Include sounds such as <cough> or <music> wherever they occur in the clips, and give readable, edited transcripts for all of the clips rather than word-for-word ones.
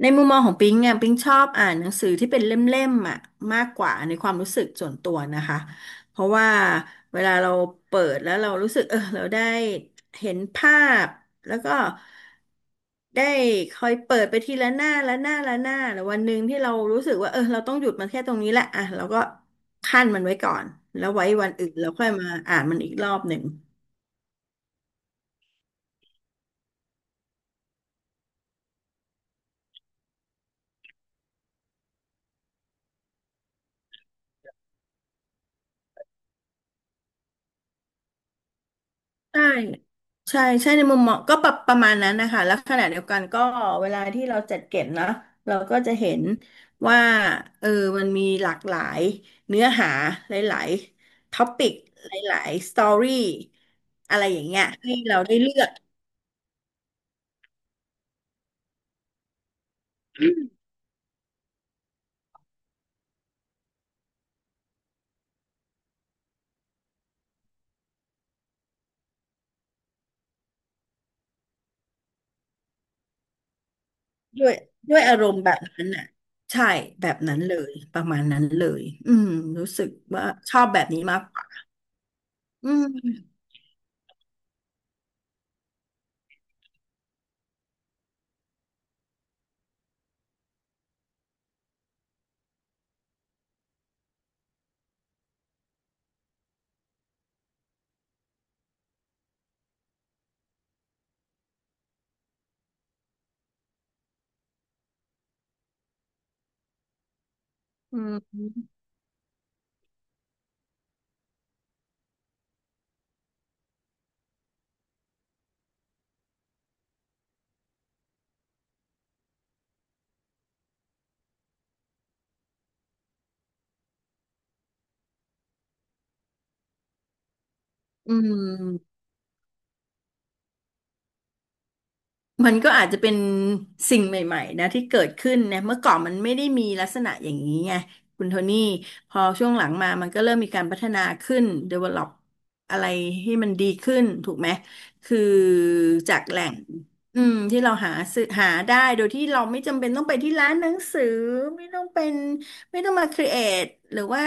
ในมุมมองของปิงอ่ะปิงชอบอ่านหนังสือที่เป็นเล่มๆอ่ะมากกว่าในความรู้สึกส่วนตัวนะคะเพราะว่าเวลาเราเปิดแล้วเรารู้สึกเออเราได้เห็นภาพแล้วก็ได้คอยเปิดไปทีละหน้าละหน้าละหน้าแล้ววันหนึ่งที่เรารู้สึกว่าเออเราต้องหยุดมันแค่ตรงนี้แหละอ่ะเราก็คั่นมันไว้ก่อนแล้วไว้วันอื่นเราค่อยมาอ่านมันอีกรอบหนึ่ง ใช่ ใช่ใช่ในมุมมองก็ประมาณนั้นนะคะ แล้วขณะเดียวกันก็เวลาที่เราจัดเก็บเนาะเราก็จะเห็นว่าเออมันมีหลากหลายเนื้อหา หลายๆท็อปิกหลายๆสตอรี่อะไรอย่างเงี้ยให้เราได้เลือกด้วยด้วยอารมณ์แบบนั้นอ่ะใช่ แบบนั้นเลย ประมาณนั้นเลย รู้สึกว่าชอบแบบนี้มากกว่าอืมอืมอืม มันก็อาจจะเป็นสิ่งใหม่ๆนะที่เกิดขึ้นนะเมื่อก่อนมันไม่ได้มีลักษณะอย่างนี้ไงคุณโทนี่พอช่วงหลังมามันก็เริ่มมีการพัฒนาขึ้น develop อะไรให้มันดีขึ้นถูกไหมคือจากแหล่งที่เราหาซื้อหาได้โดยที่เราไม่จำเป็นต้องไปที่ร้านหนังสือไม่ต้องเป็น ไม่ต้องมาครีเอทหรือว่า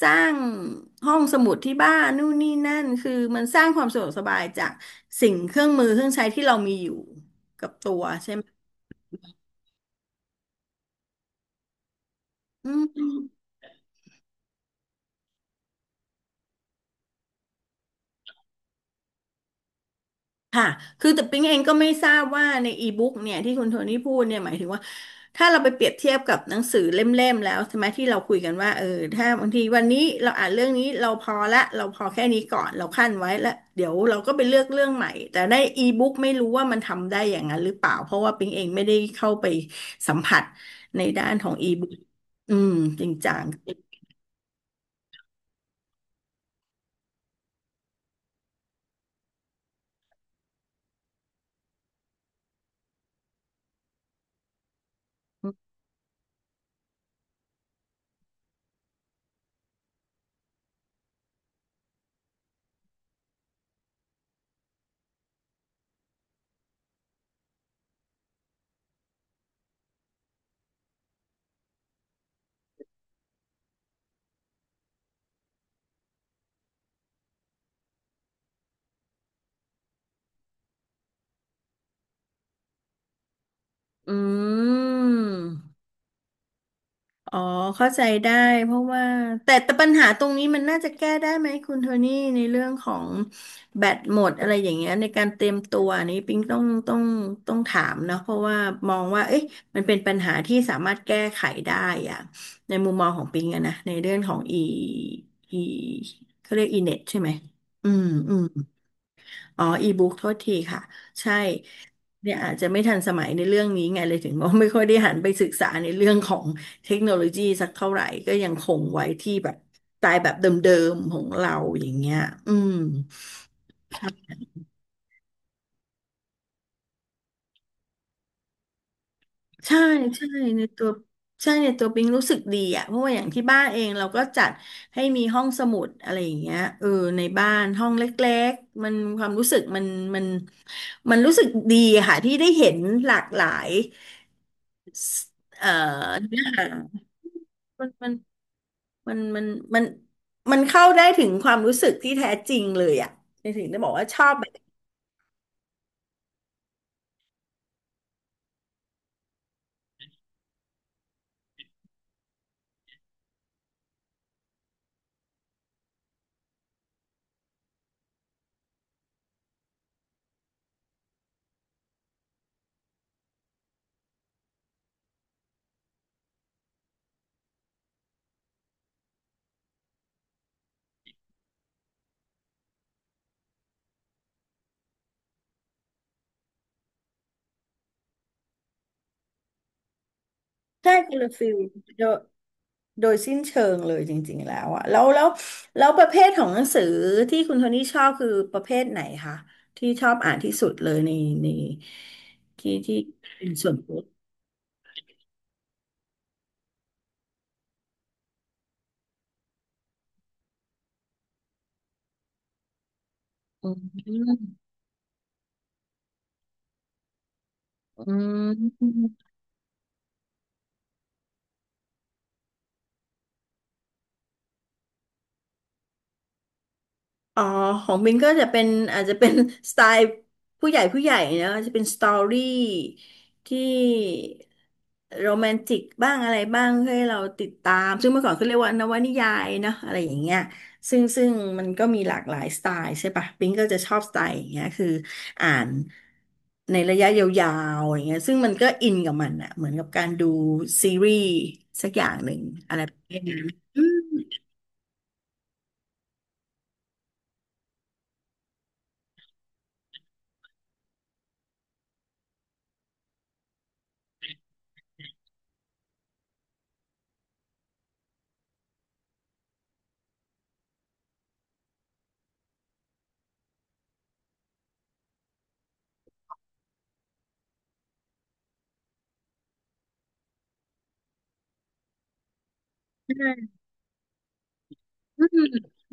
สร้างห้องสมุดที่บ้านนู่นนี่นั่นคือมันสร้างความสะดวกสบายจากสิ่งเครื่องมือเครื่องใช้ที่เรามีอยู่กับตัวใช่ไหมอืม ค่ะคือแต่ปิ๊งเองก็ไม่ทราบว่าในอีบุ๊กเนี่ยที่คุณโทนี่พูดเนี่ยหมายถึงว่าถ้าเราไปเปรียบเทียบกับหนังสือเล่มๆแล้วใช่ไหมที่เราคุยกันว่าเออถ้าบางทีวันนี้เราอ่านเรื่องนี้เราพอละเราพอแค่นี้ก่อนเราคั่นไว้แล้วเดี๋ยวเราก็ไปเลือกเรื่องใหม่แต่ในอีบุ๊กไม่รู้ว่ามันทำได้อย่างนั้นหรือเปล่าเพราะว่าปิ๊งเองไม่ได้เข้าไปสัมผัสในด้านของอีบุ๊กอืมจริงจังอืม อ๋อเข้าใจได้เพราะว่าแต่ปัญหาตรงนี้มันน่าจะแก้ได้ไหมคุณโทนี่ในเรื่องของแบตหมดอะไรอย่างเงี้ยในการเตรียมตัวอันนี้ปิ๊งต้องถามนะเพราะว่ามองว่าเอ๊ะมันเป็นปัญหาที่สามารถแก้ไขได้อะในมุมมองของปิ๊งอะนะในเรื่องของอีเขาเรียกอีเน็ตใช่ไหมอืมอืม อ๋ออีบุ๊กโทษทีค่ะใช่เนี่ยอาจจะไม่ทันสมัยในเรื่องนี้ไงเลยถึงว่าไม่ค่อยได้หันไปศึกษาในเรื่องของเทคโนโลยีสักเท่าไหร่ก็ยังคงไว้ที่แบบสไตล์แบบเดิมๆของเราอย่างเงี้ยอืมครับใช่ใช่ในตัวใช่ในตัวปิงรู้สึกดีอ่ะเพราะว่าอย่างที่บ้านเองเราก็จัดให้มีห้องสมุดอะไรอย่างเงี้ยเออในบ้านห้องเล็กๆมันความรู้สึกมันมันรู้สึกดีอะค่ะที่ได้เห็นหลากหลาย เอ่อเนื้อหามันมันมันมันมันมันเข้าได้ถึงความรู้สึกที่แท้จริงเลยอ่ะในถึงได้บอกว่าชอบแบบใช่คนละฟิลโดยโดยสิ้นเชิงเลยจริงๆแล้วอ่ะแล้วประเภทของหนังสือที่คุณโทนี่ชอบคือประเภทไหนคะที่ชอบอ่านที่สุดเลยในที่ที่เป็นส่วนตัวอืมอืม อ๋อของบินก็จะเป็นอาจจะเป็น <laughs> สไตล์ผู้ใหญ่ผู้ใหญ่นะจะเป็นสตอรี่ที่โรแมนติกบ้างอะไรบ้างให้เราติดตามซึ่งเมื่อก่อนเขาเรียกว่านวนิยายเนอะอะไรอย่างเงี้ยซึ่งมันก็มีหลากหลายสไตล์ใช่ปะบินก็จะชอบสไตล์อย่างเงี้ยคืออ่านในระยะยาวๆอย่างเงี้ยซึ่งมันก็อินกับมันอะเหมือนกับการดูซีรีส์สักอย่างหนึ่งอะไรแบบนี้น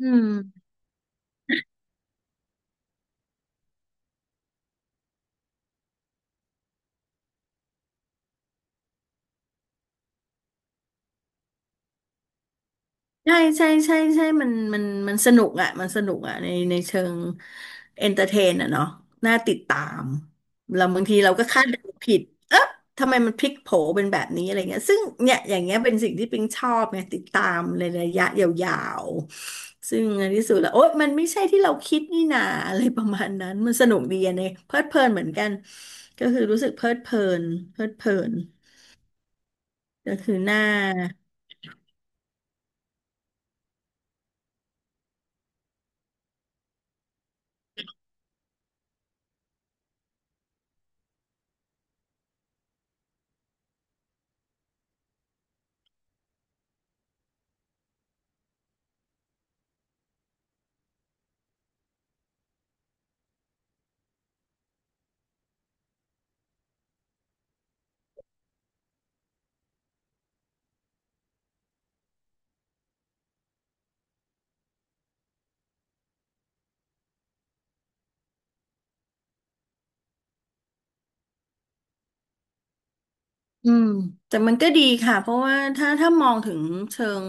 อืม ใช่ใช่ใช่ใช่มันมันสนุกอ่ะมันสนุกอ่ะในเชิงเอนเตอร์เทนอ่ะเนาะน่าติดตาม เราบางทีเราก็คาดเดาผิดเอ๊ะทำไมมันพลิกโผเป็นแบบนี้อะไรเงี้ยซึ่งเนี่ยอย่างเงี้ยเป็นสิ่งที่ปิงชอบไงติดตามในระยะยาวๆซึ่งในที่สุดแล้วโอ๊ยมันไม่ใช่ที่เราคิดนี่นาอะไรประมาณนั้น มันสนุกดีอะเนี่ยเพลิดเพลินเหมือนกัน ก็คือรู้สึกเพลิดเพลินเพลิดเพลินก็คือหน้า อืมแต่มันก็ดีค่ะเพราะว่าถ้ามองถึงเชิง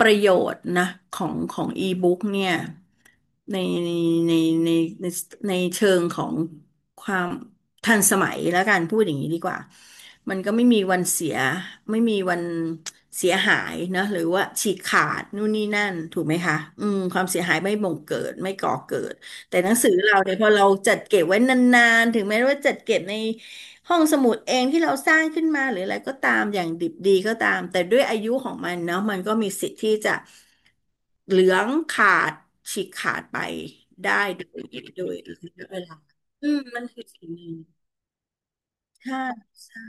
ประโยชน์นะของอีบุ๊กเนี่ยในในในในในเชิงของความทันสมัยแล้วกันพูดอย่างนี้ดีกว่ามันก็ไม่มีวันเสียไม่มีวันเสียหายนะหรือว่าฉีกขาดนู่นนี่นั่นถูกไหมคะความเสียหายไม่บ่งเกิดไม่ก่อเกิดแต่หนังสือเราเนี่ยพอเราจัดเก็บไว้นานๆถึงแม้ว่าจัดเก็บใน ห้องสมุดเองที่เราสร้างขึ้นมาหรืออะไรก็ตามอย่างดิบดีก็ตามแต่ด้วยอายุของมันเนาะมันก็มีสิทธิ์ที่จะเหลืองขาดฉีกขาดไปได้โดยโดยระยะเวลามันคือสิ่งหนึ่งใช่ใช่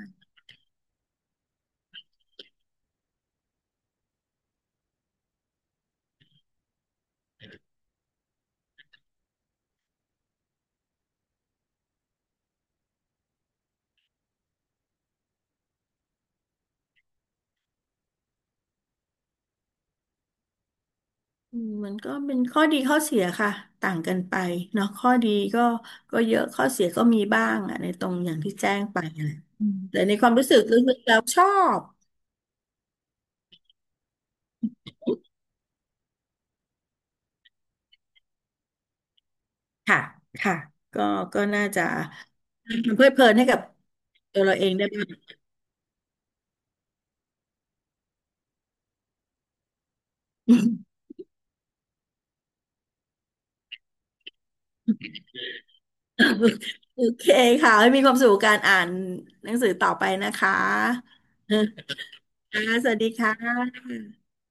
มันก็เป็นข้อดีข้อเสียค่ะต่างกันไปเนาะข้อดีก็ก็เยอะข้อเสียก็มีบ้างอ่ะในตรงอย่างที่แจ้งไปนั่นแหละแต่ในความรู้สึกลึกๆแล้วชอบ ค่ะ ค่ะก็ก็น่าจะเพลิดเพลินให้กับตัวเราเองได้บ้าง <laughs> โอเคค่ะให้มีความสุขกับการอ่านหนังสือต่อไปนะคะ <laughs> ค่ะสวัสดีค่ะ